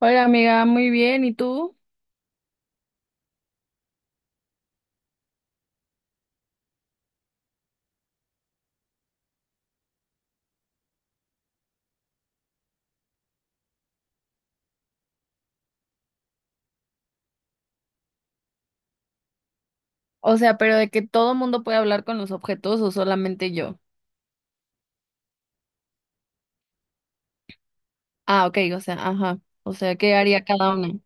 Oiga, amiga, muy bien, ¿y tú? O sea, pero de que todo mundo puede hablar con los objetos o solamente yo. Ah, ok, o sea, ajá. O sea, ¿qué haría cada uno?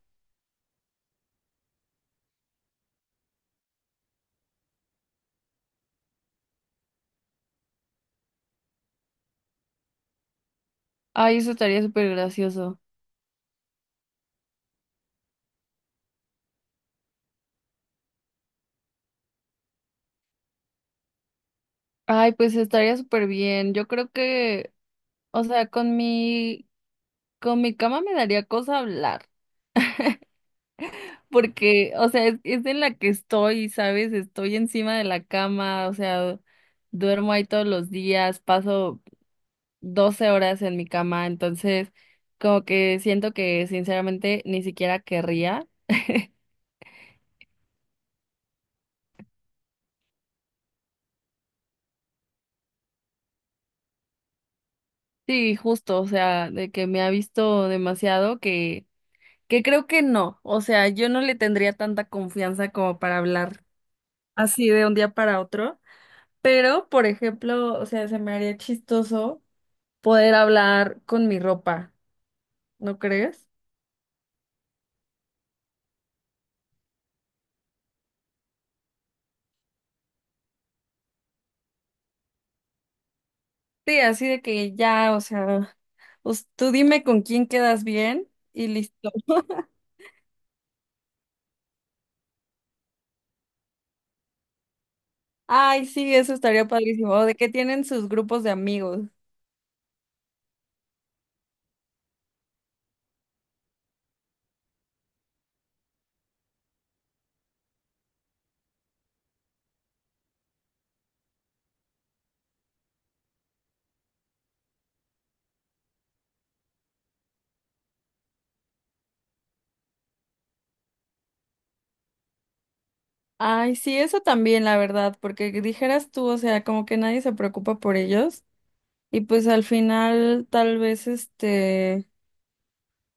Ay, eso estaría súper gracioso. Ay, pues estaría súper bien. Yo creo que, o sea, con mi cama me daría cosa hablar. Porque, o sea, es en la que estoy, ¿sabes? Estoy encima de la cama, o sea, duermo ahí todos los días, paso 12 horas en mi cama, entonces como que siento que sinceramente ni siquiera querría. Sí, justo, o sea, de que me ha visto demasiado que creo que no, o sea, yo no le tendría tanta confianza como para hablar así de un día para otro, pero por ejemplo, o sea, se me haría chistoso poder hablar con mi ropa, ¿no crees? Sí, así de que ya, o sea, pues, tú dime con quién quedas bien y listo. Ay, sí, eso estaría padrísimo. O de que tienen sus grupos de amigos. Ay, sí, eso también, la verdad, porque dijeras tú, o sea, como que nadie se preocupa por ellos. Y pues al final, tal vez este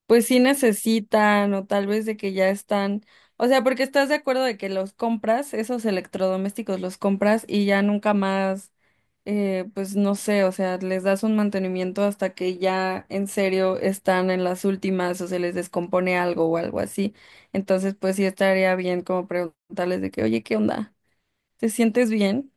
pues sí necesitan o tal vez de que ya están, o sea, porque estás de acuerdo de que los compras, esos electrodomésticos los compras y ya nunca más, pues no sé, o sea, les das un mantenimiento hasta que ya en serio están en las últimas o se les descompone algo o algo así. Entonces, pues sí estaría bien como preguntarles de que, oye, ¿qué onda? ¿Te sientes bien?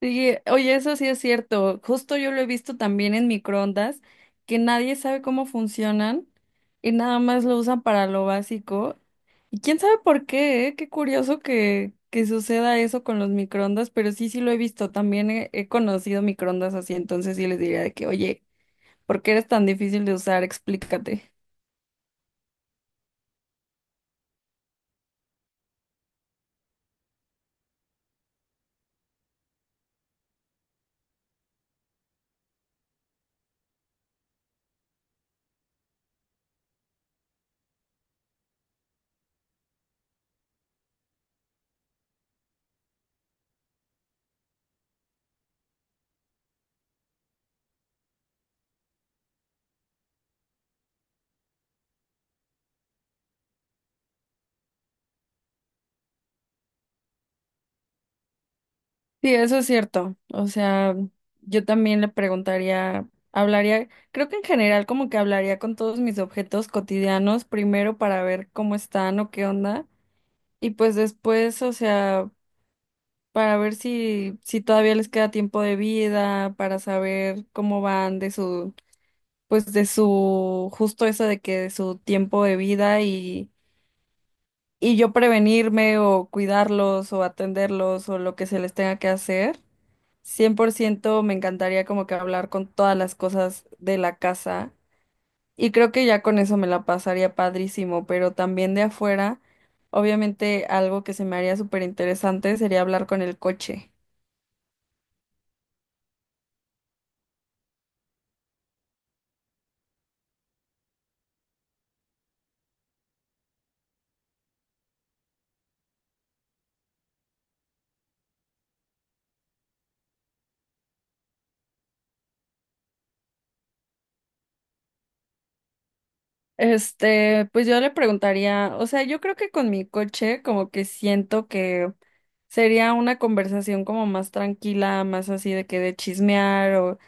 Sí, oye, eso sí es cierto. Justo yo lo he visto también en microondas, que nadie sabe cómo funcionan y nada más lo usan para lo básico. Y quién sabe por qué, ¿eh? Qué curioso que suceda eso con los microondas, pero sí, sí lo he visto. También he conocido microondas así, entonces sí les diría de que, oye, ¿por qué eres tan difícil de usar? Explícate. Sí, eso es cierto. O sea, yo también le preguntaría, hablaría, creo que en general como que hablaría con todos mis objetos cotidianos primero para ver cómo están o qué onda y pues después, o sea, para ver si todavía les queda tiempo de vida, para saber cómo van de su pues de su justo eso de que de su tiempo de vida y yo prevenirme o cuidarlos o atenderlos o lo que se les tenga que hacer. Cien por ciento me encantaría como que hablar con todas las cosas de la casa y creo que ya con eso me la pasaría padrísimo, pero también de afuera, obviamente algo que se me haría súper interesante sería hablar con el coche. Este, pues yo le preguntaría, o sea, yo creo que con mi coche como que siento que sería una conversación como más tranquila, más así de que de chismear o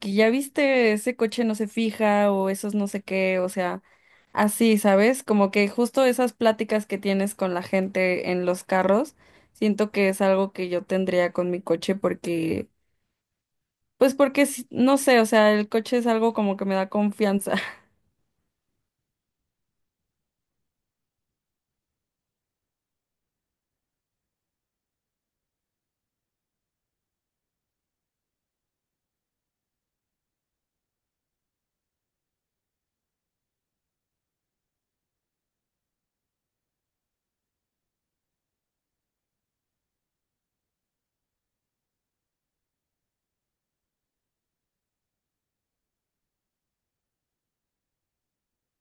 que ya viste ese coche no se fija o esos no sé qué, o sea. Así, ¿sabes? Como que justo esas pláticas que tienes con la gente en los carros, siento que es algo que yo tendría con mi coche porque, pues porque, no sé, o sea, el coche es algo como que me da confianza.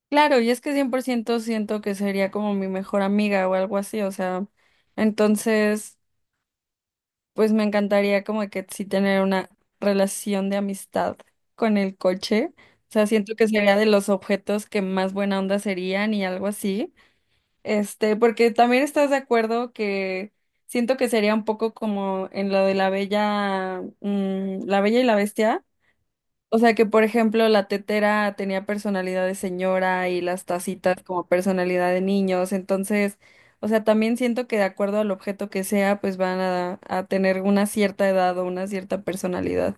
Claro, y es que 100% siento que sería como mi mejor amiga o algo así, o sea, entonces, pues me encantaría como que sí tener una relación de amistad con el coche. O sea, siento que sería de los objetos que más buena onda serían y algo así. Este, porque también estás de acuerdo que siento que sería un poco como en lo de la bella, la bella y la bestia. O sea que, por ejemplo, la tetera tenía personalidad de señora y las tacitas como personalidad de niños. Entonces, o sea, también siento que de acuerdo al objeto que sea, pues van a tener una cierta edad o una cierta personalidad.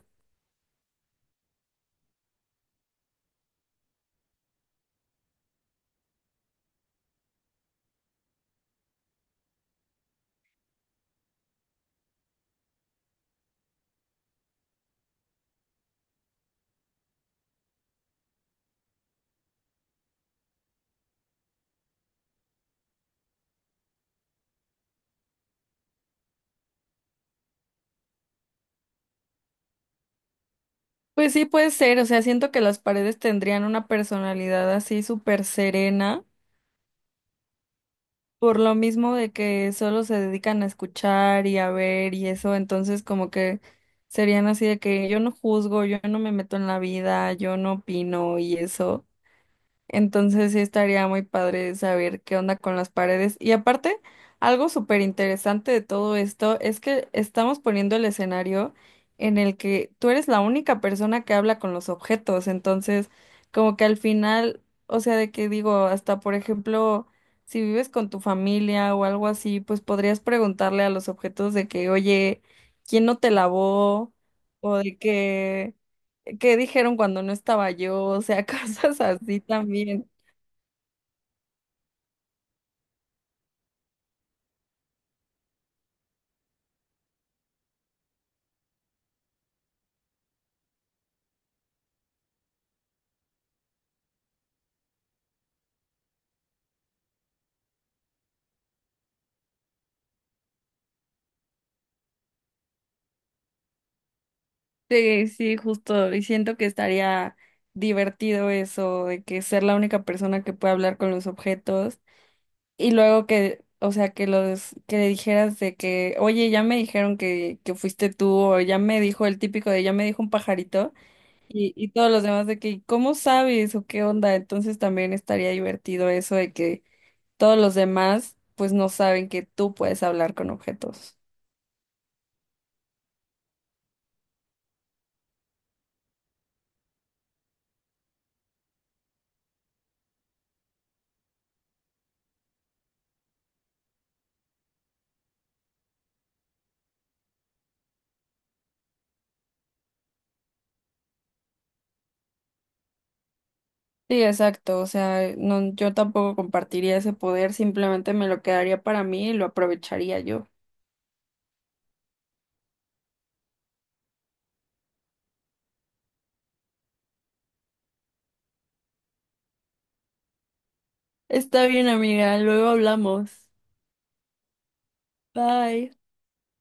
Pues sí, puede ser. O sea, siento que las paredes tendrían una personalidad así súper serena. Por lo mismo de que solo se dedican a escuchar y a ver y eso, entonces como que serían así de que yo no juzgo, yo no me meto en la vida, yo no opino y eso. Entonces sí estaría muy padre saber qué onda con las paredes. Y aparte, algo súper interesante de todo esto es que estamos poniendo el escenario en el que tú eres la única persona que habla con los objetos. Entonces, como que al final, o sea, de que digo, hasta por ejemplo, si vives con tu familia o algo así, pues podrías preguntarle a los objetos de que, oye, ¿quién no te lavó? O de que ¿qué dijeron cuando no estaba yo? O sea, cosas así también. Sí, sí, justo. Y siento que estaría divertido eso, de que ser la única persona que puede hablar con los objetos. Y luego que, o sea, que los, que le dijeras de que, oye, ya me dijeron que fuiste tú, o ya me dijo el típico de ya me dijo un pajarito, y todos los demás de que, ¿cómo sabes? O ¿qué onda? Entonces también estaría divertido eso de que todos los demás, pues no saben que tú puedes hablar con objetos. Sí, exacto. O sea, no, yo tampoco compartiría ese poder, simplemente me lo quedaría para mí y lo aprovecharía yo. Está bien, amiga, luego hablamos. Bye.